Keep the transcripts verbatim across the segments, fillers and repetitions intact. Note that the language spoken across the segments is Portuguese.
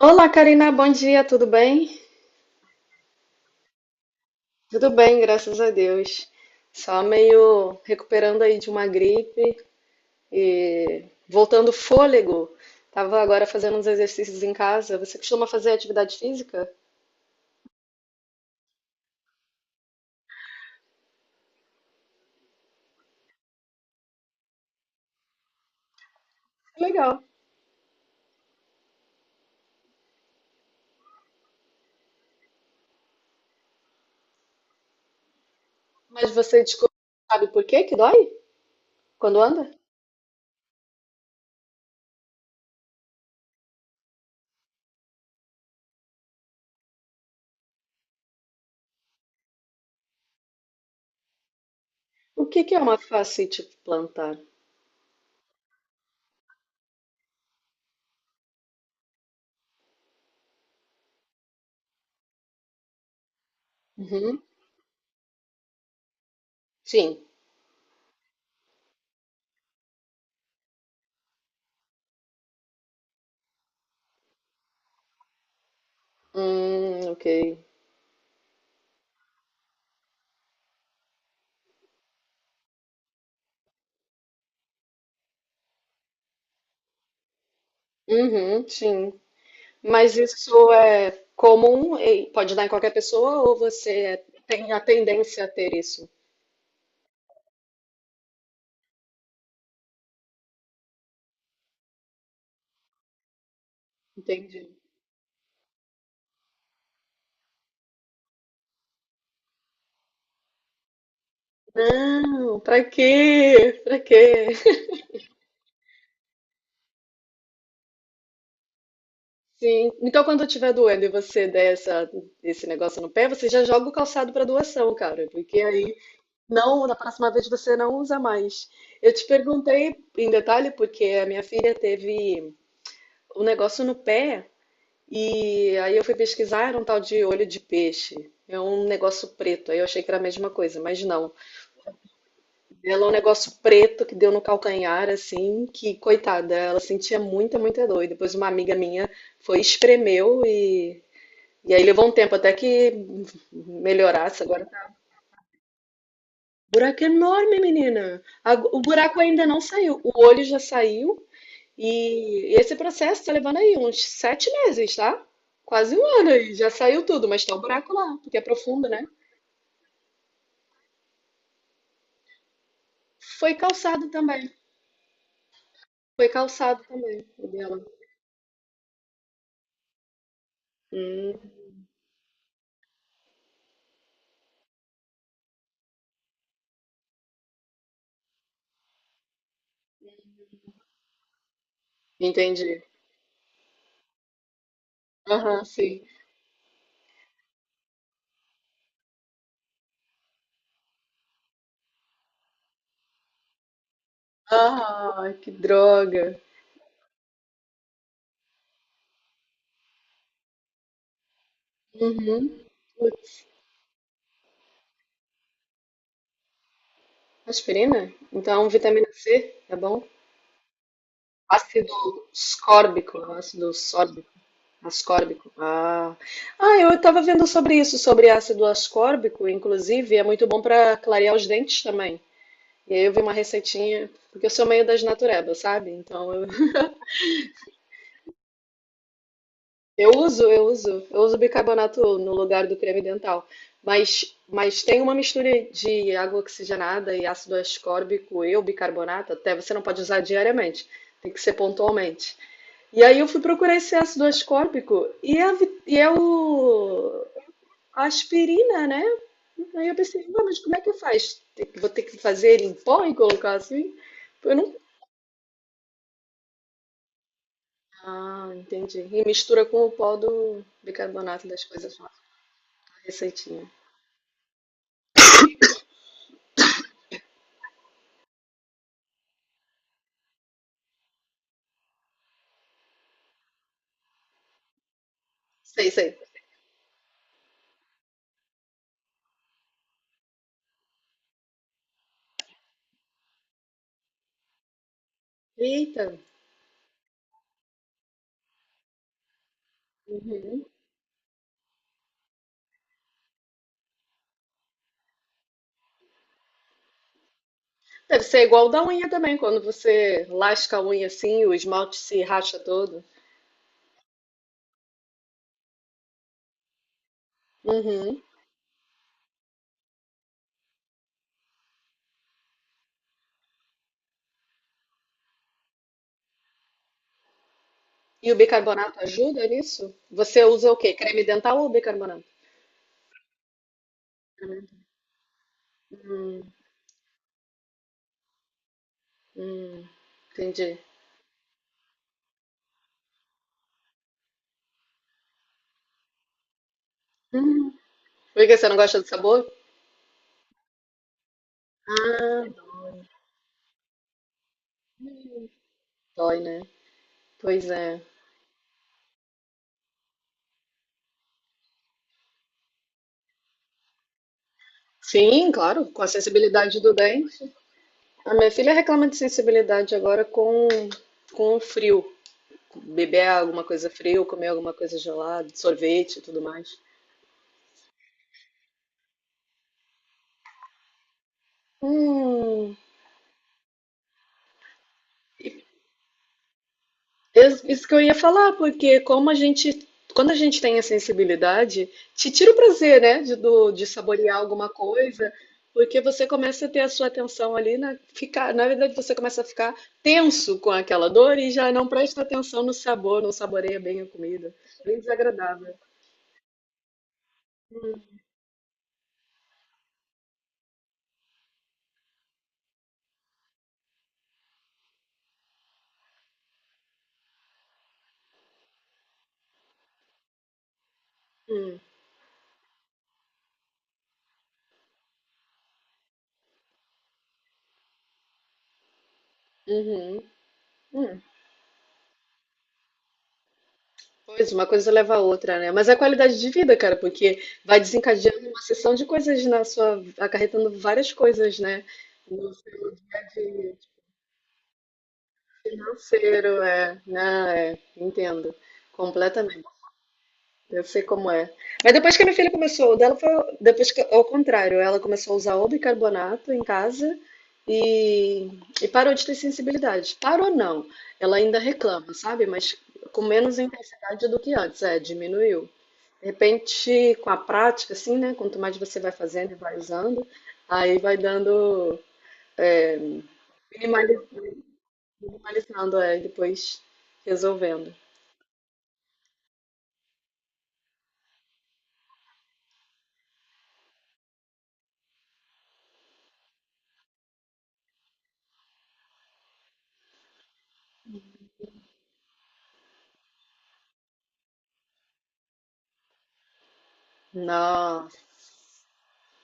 Olá, Karina, bom dia, tudo bem? Tudo bem, graças a Deus. Só meio recuperando aí de uma gripe e voltando o fôlego. Tava agora fazendo uns exercícios em casa. Você costuma fazer atividade física? Legal. Mas você descobriu, sabe por que que dói quando anda? O que que é uma fascite plantar? Uhum. Sim. Hum, ok. Uhum, sim. Mas isso é comum e pode dar em qualquer pessoa ou você tem a tendência a ter isso? Entendi. Não, pra quê? Pra quê? Sim. Então, quando eu estiver doendo e você der essa, esse negócio no pé, você já joga o calçado para doação, cara, porque aí não, na próxima vez você não usa mais. Eu te perguntei em detalhe porque a minha filha teve um negócio no pé. E aí eu fui pesquisar, era um tal de olho de peixe. É um negócio preto. Aí eu achei que era a mesma coisa, mas não. Ela é um negócio preto que deu no calcanhar, assim, que, coitada, ela sentia muita, muita dor. E depois uma amiga minha foi, espremeu e. E aí levou um tempo até que melhorasse. Agora tá. Buraco enorme, menina. A- O buraco ainda não saiu. O olho já saiu. E esse processo tá levando aí uns sete meses, tá? Quase um ano aí, já saiu tudo, mas tá o buraco lá, porque é profundo, né? Foi calçado também, foi calçado também o dela. Hum, entendi. Aham, sim. Ah, que droga. Uhum. Putz. Aspirina? Então, vitamina C, tá bom? Ácido ascórbico, ácido sórbico. Ascórbico. Ah. Ah, eu estava vendo sobre isso, sobre ácido ascórbico, inclusive, é muito bom para clarear os dentes também. E aí eu vi uma receitinha, porque eu sou meio das naturebas, sabe? Então eu, eu uso, eu uso, eu uso bicarbonato no lugar do creme dental. Mas, mas tem uma mistura de água oxigenada e ácido ascórbico e o bicarbonato, até você não pode usar diariamente, tem que ser pontualmente. E aí eu fui procurar esse ácido ascórbico e é, a vi- e é o aspirina, né? Aí eu pensei, não, mas como é que faz? Tem que- Vou ter que fazer ele em pó e colocar assim? Eu não... Ah, entendi. E mistura com o pó do bicarbonato das coisas lá, a receitinha. Sei, sei. Eita. Uhum. Deve ser igual o da unha também, quando você lasca a unha assim, o esmalte se racha todo. Uhum. E o bicarbonato ajuda nisso? Você usa o quê? Creme dental ou bicarbonato? Hum, entendi. Hum. Por que você não gosta do sabor? Ah, dói, né? Pois é. Sim, claro, com a sensibilidade do dente. A minha filha reclama de sensibilidade agora com, com o frio. Beber alguma coisa fria, ou comer alguma coisa gelada, sorvete e tudo mais. Hum. Ex- Isso que eu ia falar, porque como a gente, quando a gente tem a sensibilidade, te tira o prazer, né, de, do- de saborear alguma coisa, porque você começa a ter a sua atenção ali na ficar, na verdade você começa a ficar tenso com aquela dor e já não presta atenção no sabor, não saboreia bem a comida. Bem desagradável. Hum, uhum, hum. Pois, uma coisa leva a outra, né? Mas é a qualidade de vida, cara, porque vai desencadeando uma sessão de coisas na sua, acarretando várias coisas, né? No seu dia a dia. Financeiro, é. Não, é, entendo. Completamente. Eu sei como é. Mas depois que a minha filha começou, o dela foi depois que, ao contrário, ela começou a usar o bicarbonato em casa e, e parou de ter sensibilidade. Parou não. Ela ainda reclama, sabe? Mas com menos intensidade do que antes, é, diminuiu. De repente, com a prática, assim, né? Quanto mais você vai fazendo e vai usando, aí vai dando, é, minimali- minimalizando, é, e depois resolvendo. Nossa,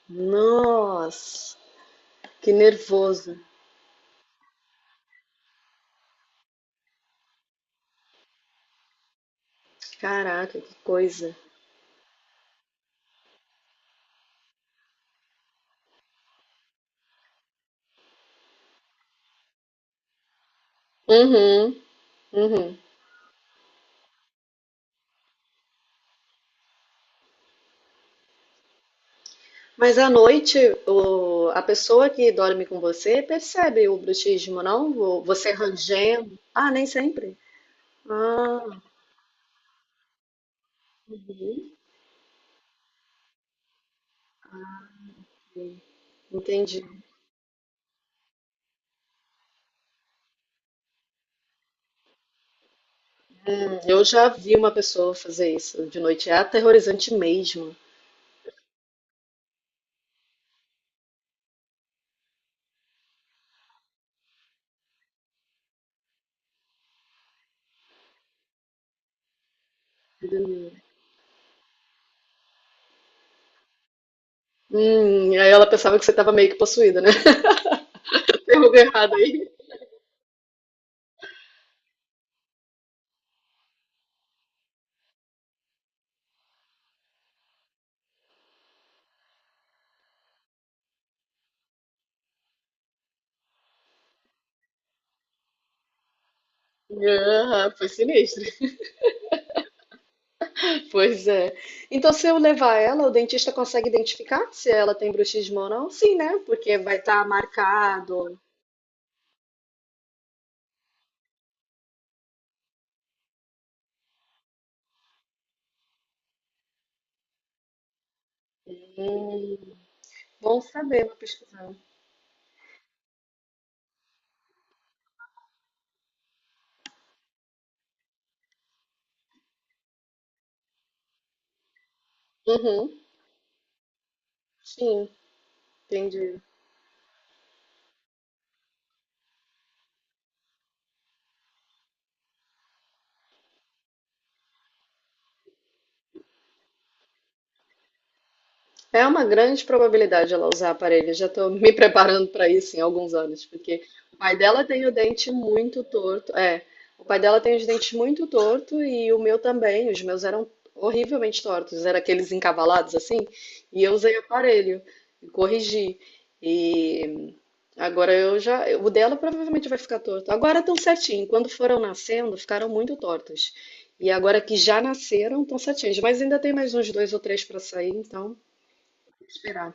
nossa, que nervoso. Caraca, que coisa. Uhum, uhum. Mas à noite, o- a pessoa que dorme com você percebe o bruxismo, não? Vo- Você rangendo. Ah, nem sempre. Ah, entendi. Hum. Eu já vi uma pessoa fazer isso de noite. É aterrorizante mesmo. Hum, aí ela pensava que você estava meio que possuída, né? Tem algo errado aí. Ah, foi sinistro. Pois é. Então, se eu levar ela, o dentista consegue identificar se ela tem bruxismo ou não? Sim, né? Porque vai estar marcado. Hum, bom saber, vou pesquisar. Uhum, sim, entendi. É uma grande probabilidade ela usar aparelho. Já estou me preparando para isso em alguns anos, porque o pai dela tem o dente muito torto. É, o pai dela tem os dentes muito torto e o meu também. Os meus eram horrivelmente tortos, eram aqueles encavalados assim. E eu usei aparelho e corrigi. E agora eu já, o dela provavelmente vai ficar torto. Agora estão certinho. Quando foram nascendo, ficaram muito tortos. E agora que já nasceram, estão certinhos. Mas ainda tem mais uns dois ou três para sair, então esperar.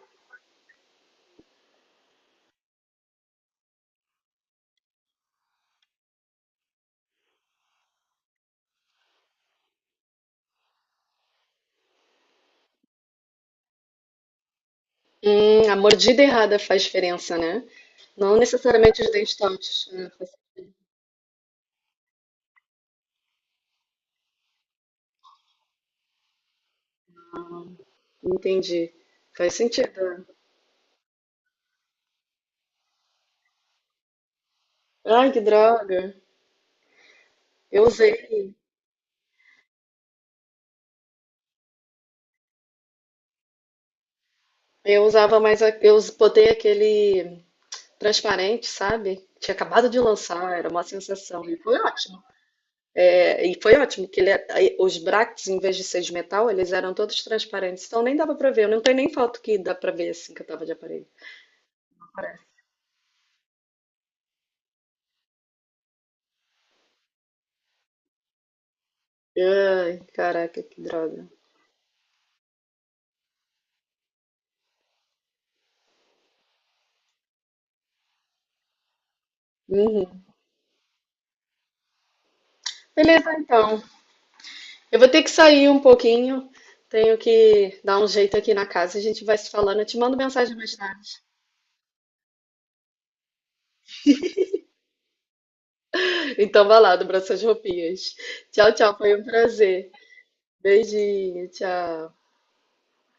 Hum, a mordida errada faz diferença, né? Não necessariamente os dentes tortos. Hum, faz- Entendi. Faz sentido. Ai, que droga. Eu usei. Eu usava mais. A- Eu us- botei aquele transparente, sabe? Tinha acabado de lançar, era uma sensação. E foi ótimo. É, e foi ótimo, que ele, é, aí os brackets, em vez de ser de metal, eles eram todos transparentes. Então nem dava pra ver. Eu não tenho nem foto que dá pra ver assim que eu tava de aparelho. Ai, caraca, que droga. Uhum. Beleza, então. Eu vou ter que sair um pouquinho, tenho que dar um jeito aqui na casa, a gente vai se falando, eu te mando mensagem mais tarde. Então vai lá, dobra suas roupinhas. Tchau, tchau, foi um prazer. Beijinho, tchau.